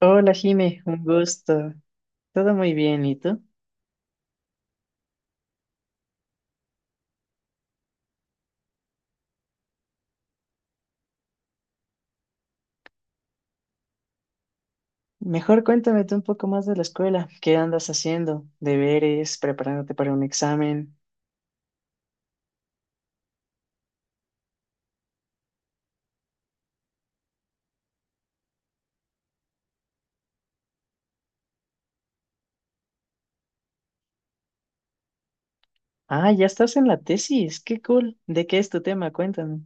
Hola Jime, un gusto. Todo muy bien, ¿y tú? Mejor cuéntame tú un poco más de la escuela. ¿Qué andas haciendo? ¿Deberes? ¿Preparándote para un examen? Ah, ya estás en la tesis. Qué cool. ¿De qué es tu tema? Cuéntame.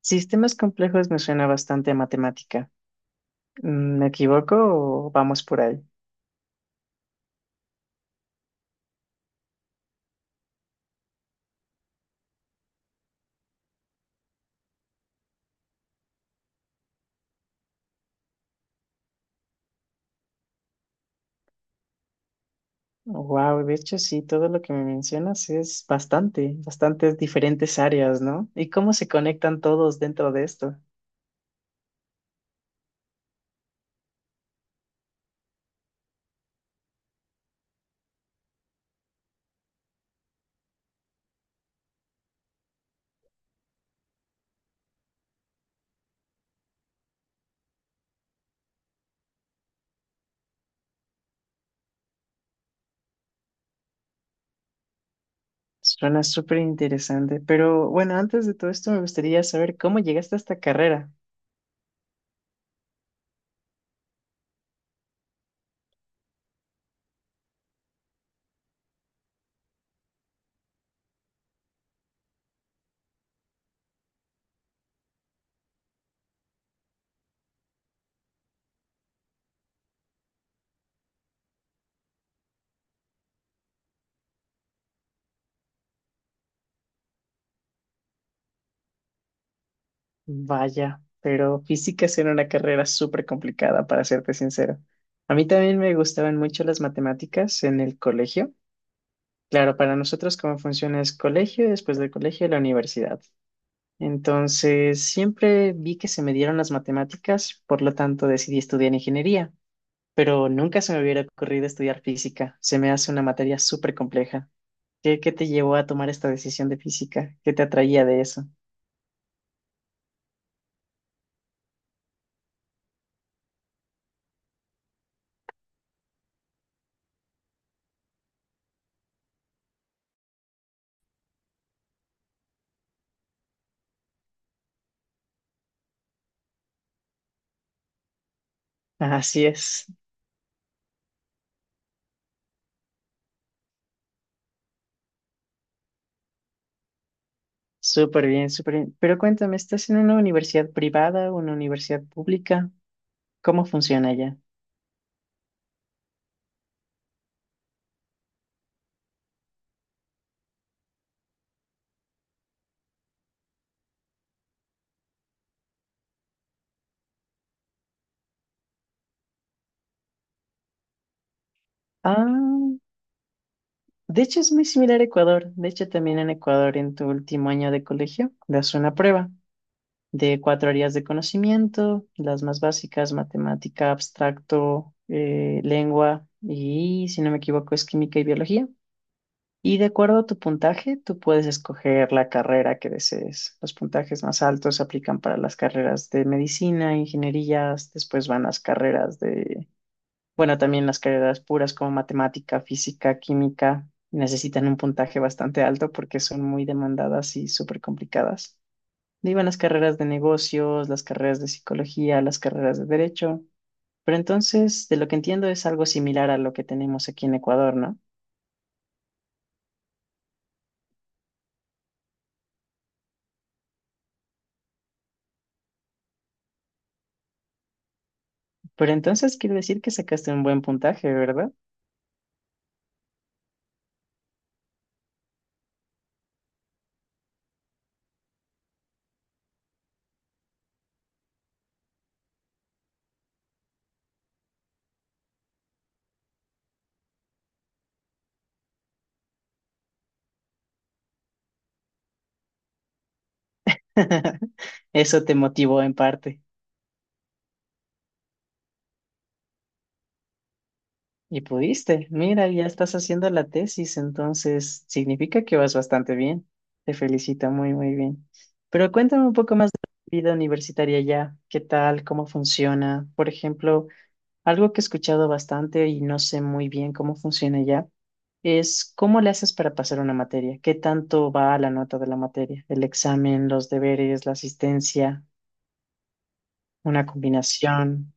Sistemas complejos me suena bastante a matemática. Mm, ¿me equivoco o vamos por ahí? Wow, de hecho sí, todo lo que me mencionas es bastante, bastantes diferentes áreas, ¿no? ¿Y cómo se conectan todos dentro de esto? Suena súper interesante, pero bueno, antes de todo esto me gustaría saber cómo llegaste a esta carrera. Vaya, pero física era una carrera súper complicada, para serte sincero. A mí también me gustaban mucho las matemáticas en el colegio. Claro, para nosotros cómo funciona es colegio, después del colegio la universidad. Entonces, siempre vi que se me dieron las matemáticas, por lo tanto decidí estudiar ingeniería, pero nunca se me hubiera ocurrido estudiar física. Se me hace una materia súper compleja. ¿Qué te llevó a tomar esta decisión de física? ¿Qué te atraía de eso? Así es. Súper bien, súper bien. Pero cuéntame, ¿estás en una universidad privada o una universidad pública? ¿Cómo funciona allá? Ah, de hecho es muy similar a Ecuador. De hecho, también en Ecuador, en tu último año de colegio, das una prueba de cuatro áreas de conocimiento, las más básicas, matemática, abstracto, lengua y, si no me equivoco, es química y biología. Y de acuerdo a tu puntaje, tú puedes escoger la carrera que desees. Los puntajes más altos se aplican para las carreras de medicina, ingenierías, después van las carreras de, bueno, también las carreras puras como matemática, física, química. Necesitan un puntaje bastante alto porque son muy demandadas y súper complicadas. De ahí van las carreras de negocios, las carreras de psicología, las carreras de derecho. Pero entonces, de lo que entiendo, es algo similar a lo que tenemos aquí en Ecuador, ¿no? Pero entonces quiere decir que sacaste un buen puntaje, ¿verdad? Eso te motivó en parte. Y pudiste. Mira, ya estás haciendo la tesis, entonces significa que vas bastante bien. Te felicito, muy, muy bien. Pero cuéntame un poco más de tu vida universitaria ya. ¿Qué tal? ¿Cómo funciona? Por ejemplo, algo que he escuchado bastante y no sé muy bien cómo funciona ya es cómo le haces para pasar una materia. ¿Qué tanto va a la nota de la materia? El examen, los deberes, la asistencia. Una combinación.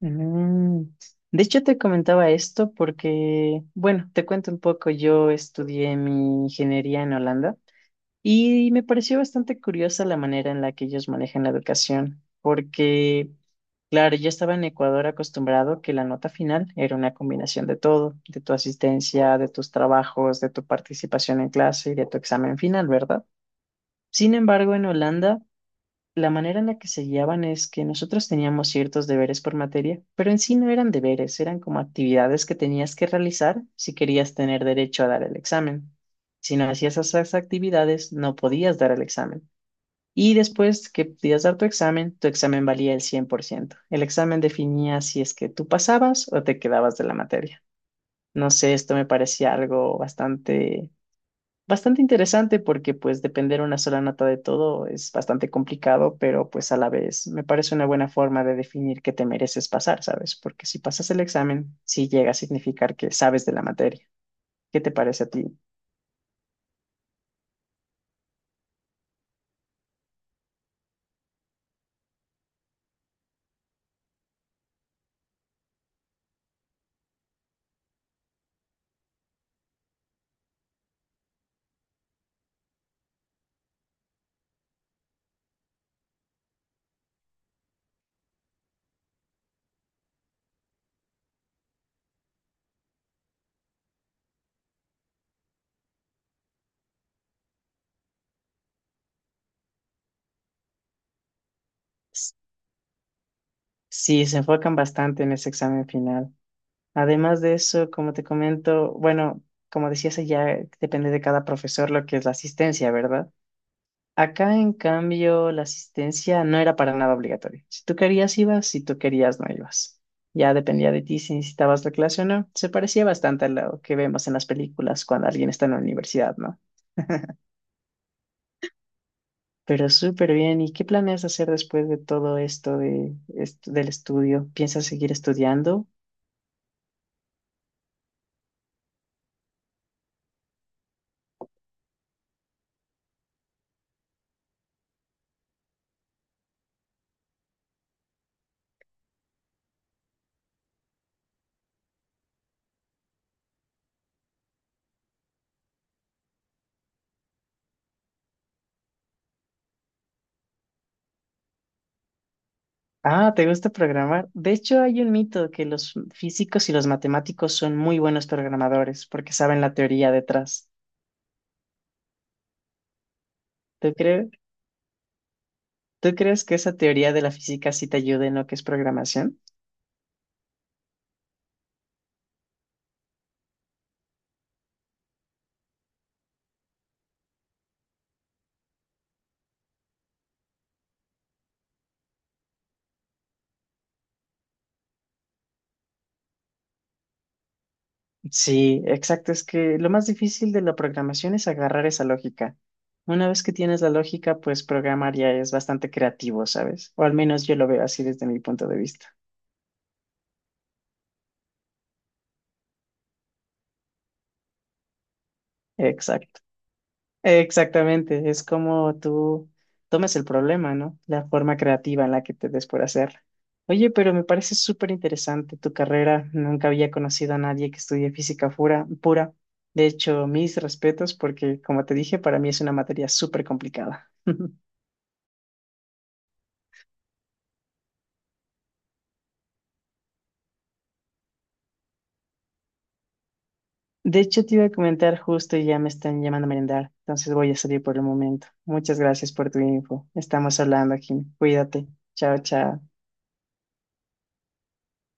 Mm. De hecho, te comentaba esto porque, bueno, te cuento un poco, yo estudié mi ingeniería en Holanda y me pareció bastante curiosa la manera en la que ellos manejan la educación, porque, claro, yo estaba en Ecuador acostumbrado que la nota final era una combinación de todo, de tu asistencia, de tus trabajos, de tu participación en clase y de tu examen final, ¿verdad? Sin embargo, en Holanda, la manera en la que se guiaban es que nosotros teníamos ciertos deberes por materia, pero en sí no eran deberes, eran como actividades que tenías que realizar si querías tener derecho a dar el examen. Si no hacías esas actividades, no podías dar el examen. Y después que podías dar tu examen valía el 100%. El examen definía si es que tú pasabas o te quedabas de la materia. No sé, esto me parecía algo bastante, bastante interesante porque pues depender una sola nota de todo es bastante complicado, pero pues a la vez me parece una buena forma de definir que te mereces pasar, ¿sabes? Porque si pasas el examen, sí llega a significar que sabes de la materia. ¿Qué te parece a ti? S- Sí, se enfocan bastante en ese examen final. Además de eso, como te comento, bueno, como decías ya depende de cada profesor lo que es la asistencia, ¿verdad? Acá, en cambio, la asistencia no era para nada obligatoria. Si tú querías, ibas, si tú querías, no ibas. Ya dependía de ti si necesitabas la clase o no. Se parecía bastante a lo que vemos en las películas cuando alguien está en la universidad, ¿no? Pero súper bien. ¿Y qué planeas hacer después de todo esto de, del estudio? ¿Piensas seguir estudiando? Ah, ¿te gusta programar? De hecho, hay un mito que los físicos y los matemáticos son muy buenos programadores porque saben la teoría detrás. ¿Tú crees? ¿Tú crees que esa teoría de la física sí te ayuda en lo que es programación? Sí, exacto. Es que lo más difícil de la programación es agarrar esa lógica. Una vez que tienes la lógica, pues programar ya es bastante creativo, ¿sabes? O al menos yo lo veo así desde mi punto de vista. Exacto. Exactamente, es como tú tomes el problema, ¿no? La forma creativa en la que te des por hacer. Oye, pero me parece súper interesante tu carrera. Nunca había conocido a nadie que estudie física pura, pura. De hecho, mis respetos porque, como te dije, para mí es una materia súper complicada. De hecho, te iba a comentar justo y ya me están llamando a merendar, entonces voy a salir por el momento. Muchas gracias por tu info. Estamos hablando, Jim. Cuídate. Chao, chao.